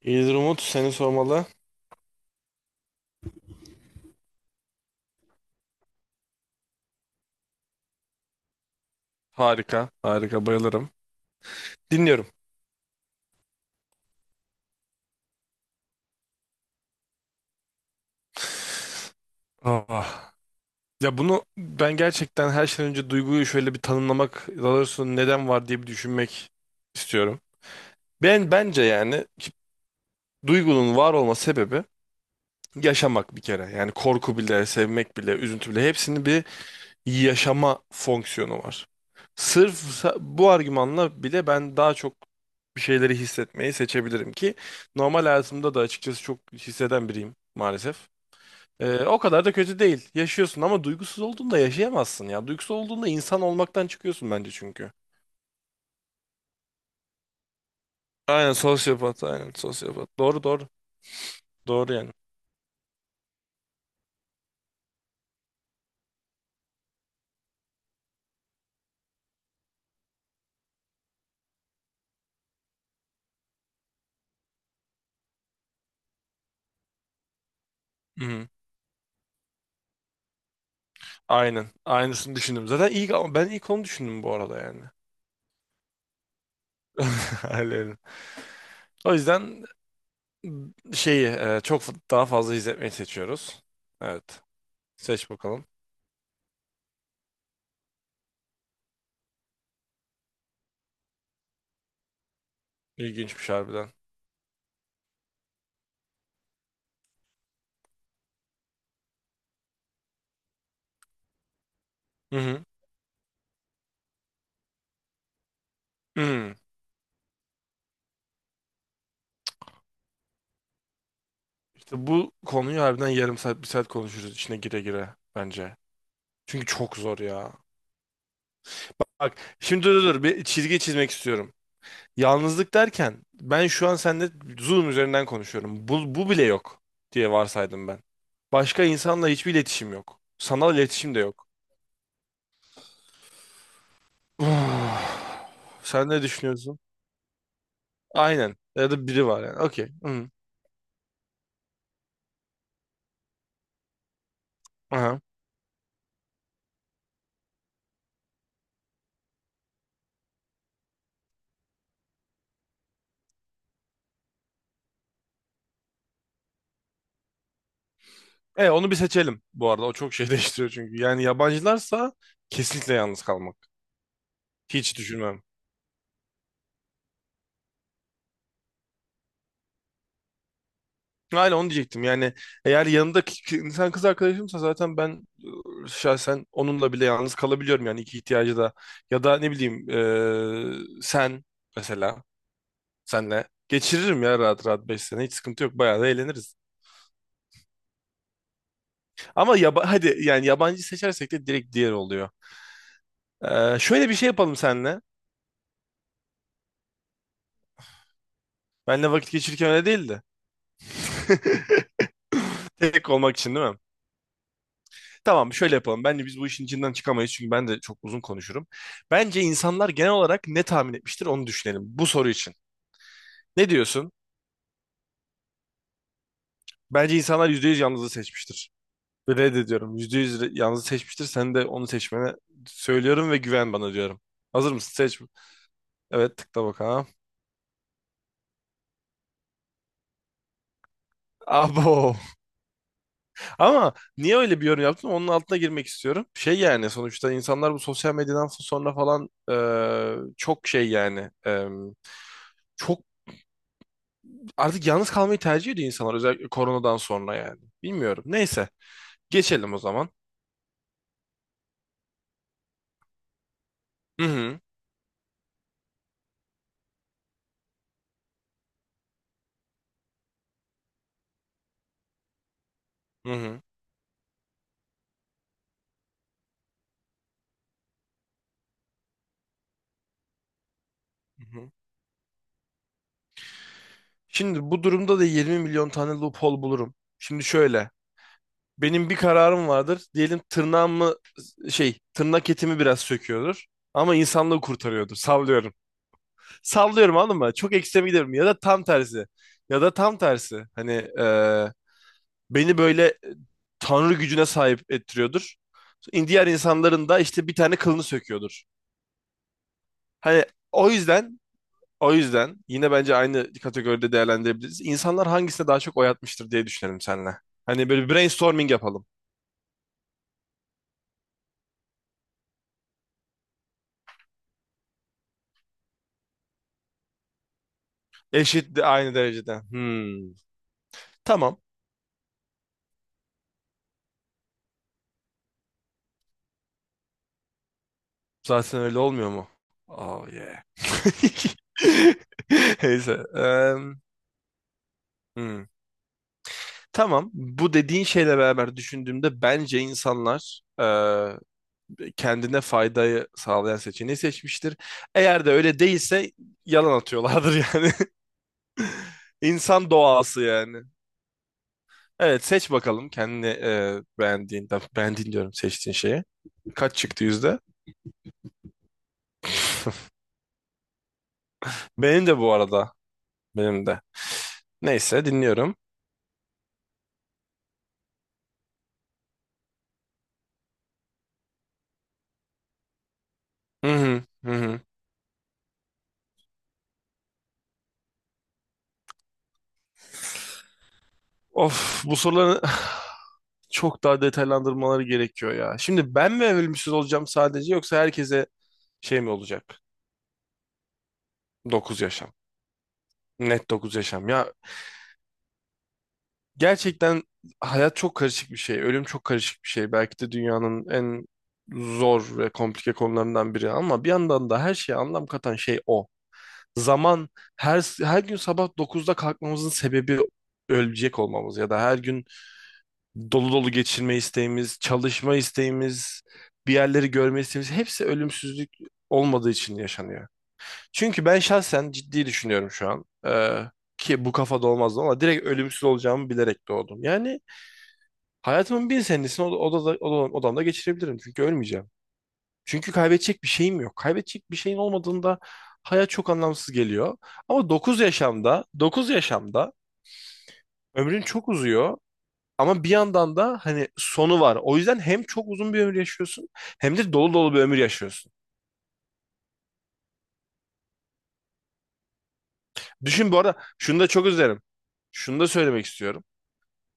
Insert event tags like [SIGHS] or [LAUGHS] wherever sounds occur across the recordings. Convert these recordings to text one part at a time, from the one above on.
İyidir Umut, seni sormalı. Harika, harika bayılırım. Dinliyorum. Ah. Ya bunu ben gerçekten her şeyden önce duyguyu şöyle bir tanımlamak, daha doğrusu neden var diye bir düşünmek istiyorum. Ben bence yani duygunun var olma sebebi yaşamak bir kere. Yani korku bile, sevmek bile, üzüntü bile hepsini bir yaşama fonksiyonu var. Sırf bu argümanla bile ben daha çok bir şeyleri hissetmeyi seçebilirim ki normal hayatımda da açıkçası çok hisseden biriyim maalesef. O kadar da kötü değil. Yaşıyorsun ama duygusuz olduğunda yaşayamazsın ya. Duygusuz olduğunda insan olmaktan çıkıyorsun bence çünkü. Aynen sosyopat, aynen sosyopat. Doğru, doğru. Doğru yani. Hı-hı. Aynen. Aynısını düşündüm. Zaten ilk ben ilk onu düşündüm bu arada yani. [LAUGHS] Aynen. O yüzden şeyi çok daha fazla izletmeyi seçiyoruz. Evet. Seç bakalım. İlginçmiş harbiden. Hı hı. Hı. İşte bu konuyu harbiden yarım saat, bir saat konuşuruz içine gire gire bence. Çünkü çok zor ya. Bak şimdi, dur dur dur, bir çizgi çizmek istiyorum. Yalnızlık derken ben şu an seninle Zoom üzerinden konuşuyorum. Bu bile yok diye varsaydım ben. Başka insanla hiçbir iletişim yok. Sanal iletişim de yok. Uf. Sen ne düşünüyorsun? Aynen. Ya da biri var yani. Okey. Hı. Aha. E, onu bir seçelim bu arada. O çok şey [LAUGHS] değiştiriyor çünkü. Yani yabancılarsa kesinlikle yalnız kalmak. Hiç düşünmem. Aynen onu diyecektim. Yani eğer yanımda insan kız arkadaşımsa zaten ben şahsen onunla bile yalnız kalabiliyorum yani iki ihtiyacı da. Ya da ne bileyim sen mesela, senle geçiririm ya rahat rahat 5 sene. Hiç sıkıntı yok. Bayağı da eğleniriz. Ama hadi yani yabancı seçersek de direkt diğer oluyor. Şöyle bir şey yapalım senle. Benle vakit geçirirken öyle değildi. [LAUGHS] [CLEARS THROAT] [LAUGHS] Tek olmak için değil mi? Tamam, şöyle yapalım. Bence biz bu işin içinden çıkamayız çünkü ben de çok uzun konuşurum. Bence insanlar genel olarak ne tahmin etmiştir onu düşünelim bu soru için. Ne diyorsun? Bence insanlar %100 yalnızlığı seçmiştir. Reddediyorum. %100 yalnızı seçmiştir. Sen de onu seçmene söylüyorum ve güven bana diyorum. Hazır mısın? Seç. Evet, tıkla bakalım. Abo. Ama niye öyle bir yorum yaptım? Onun altına girmek istiyorum. Şey yani sonuçta insanlar bu sosyal medyadan sonra falan, çok şey yani çok. Artık yalnız kalmayı tercih ediyor insanlar, özellikle koronadan sonra yani. Bilmiyorum. Neyse. Geçelim o zaman. Hı hı. Hı hı. Hı hı. Şimdi bu durumda da 20 milyon tane loophole bulurum. Şimdi şöyle. Benim bir kararım vardır. Diyelim tırnağımı şey, tırnak etimi biraz söküyordur. Ama insanlığı kurtarıyordur. Sallıyorum. [LAUGHS] Sallıyorum, anladın mı? Çok ekstreme giderim. Ya da tam tersi. Ya da tam tersi. Hani eee, beni böyle tanrı gücüne sahip ettiriyordur. Diğer insanların da işte bir tane kılını söküyordur. Hani o yüzden o yüzden yine bence aynı kategoride değerlendirebiliriz. İnsanlar hangisine daha çok oy atmıştır diye düşünelim seninle. Hani böyle bir brainstorming yapalım. Eşit de, aynı derecede. Hmm. Tamam. Zaten öyle olmuyor mu? Oh yeah. [LAUGHS] Neyse. Hmm. Tamam. Bu dediğin şeyle beraber düşündüğümde bence insanlar kendine faydayı sağlayan seçeneği seçmiştir. Eğer de öyle değilse yalan atıyorlardır [LAUGHS] yani. İnsan doğası yani. Evet, seç bakalım kendi beğendiğin, beğendiğin diyorum, seçtiğin şeyi. Kaç çıktı yüzde? Benim de bu arada. Benim de. Neyse, dinliyorum. Hı hı, hı hı. Of, bu soruları [SIGHS] çok daha detaylandırmaları gerekiyor ya. Şimdi ben mi evrilmişiz olacağım sadece, yoksa herkese şey mi olacak? 9 yaşam. Net 9 yaşam. Ya gerçekten hayat çok karışık bir şey. Ölüm çok karışık bir şey. Belki de dünyanın en zor ve komplike konularından biri ama bir yandan da her şeye anlam katan şey o. Zaman, her gün sabah 9'da kalkmamızın sebebi ölecek olmamız ya da her gün dolu dolu geçirme isteğimiz, çalışma isteğimiz, bir yerleri görme isteğimiz, hepsi ölümsüzlük olmadığı için yaşanıyor. Çünkü ben şahsen ciddi düşünüyorum şu an. Ki bu kafada olmazdı ama direkt ölümsüz olacağımı bilerek doğdum. Yani hayatımın 1.000 senesini odamda geçirebilirim. Çünkü ölmeyeceğim. Çünkü kaybedecek bir şeyim yok. Kaybedecek bir şeyin olmadığında hayat çok anlamsız geliyor. Ama 9 yaşamda, 9 yaşamda ömrün çok uzuyor. Ama bir yandan da hani sonu var. O yüzden hem çok uzun bir ömür yaşıyorsun hem de dolu dolu bir ömür yaşıyorsun. Düşün bu arada şunu da, çok üzerim. Şunu da söylemek istiyorum.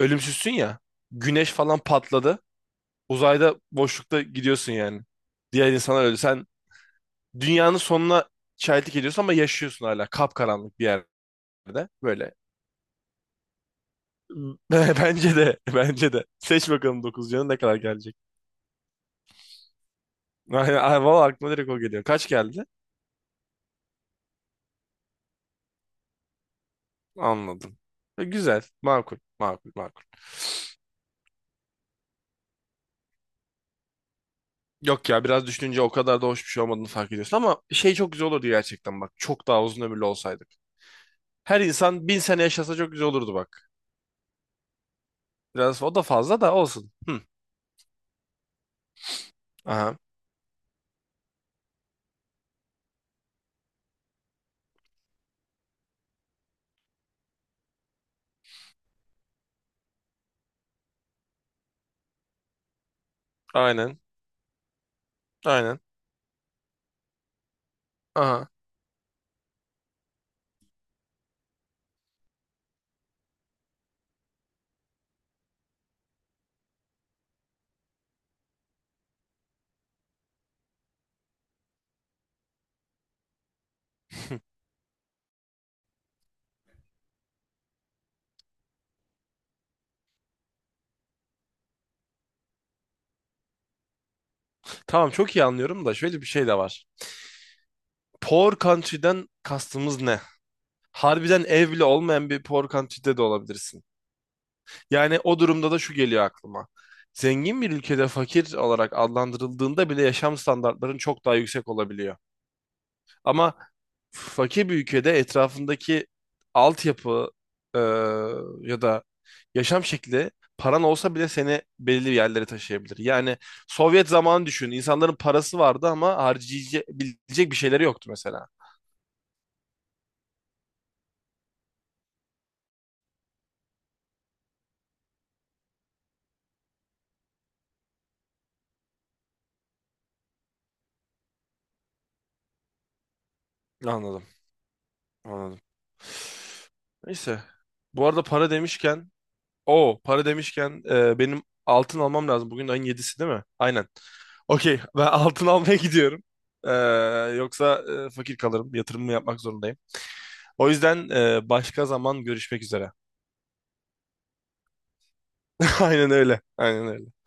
Ölümsüzsün ya. Güneş falan patladı. Uzayda boşlukta gidiyorsun yani. Diğer insanlar öldü. Sen dünyanın sonuna şahitlik ediyorsun ama yaşıyorsun hala, kapkaranlık bir yerde böyle. [LAUGHS] Bence de, bence de. Seç bakalım 9 canın ne kadar gelecek. [LAUGHS] Aynen, ay, valla aklıma direkt o geliyor. Kaç geldi? Anladım. Güzel, makul, makul, makul. Yok ya, biraz düşününce o kadar da hoş bir şey olmadığını fark ediyorsun ama şey çok güzel olurdu gerçekten bak. Çok daha uzun ömürlü olsaydık. Her insan 1.000 sene yaşasa çok güzel olurdu bak. Biraz o da fazla da olsun. Hı. Aha. Aynen. Aynen. Aha. [LAUGHS] Tamam, çok iyi anlıyorum da şöyle bir şey de var. Poor country'den kastımız ne? Harbiden ev bile olmayan bir poor country'de de olabilirsin. Yani o durumda da şu geliyor aklıma. Zengin bir ülkede fakir olarak adlandırıldığında bile yaşam standartların çok daha yüksek olabiliyor. Ama fakir bir ülkede etrafındaki altyapı e, ya da yaşam şekli, paran olsa bile seni belirli yerlere taşıyabilir. Yani Sovyet zamanı düşün. İnsanların parası vardı ama harcayabilecek bir şeyleri yoktu mesela. Anladım. Anladım. Neyse. Bu arada para demişken, benim altın almam lazım. Bugün ayın yedisi değil mi? Aynen. Okey, ben [LAUGHS] altın almaya gidiyorum. E, Yoksa fakir kalırım. Yatırımımı yapmak zorundayım. O yüzden başka zaman görüşmek üzere. [LAUGHS] Aynen öyle. Aynen öyle.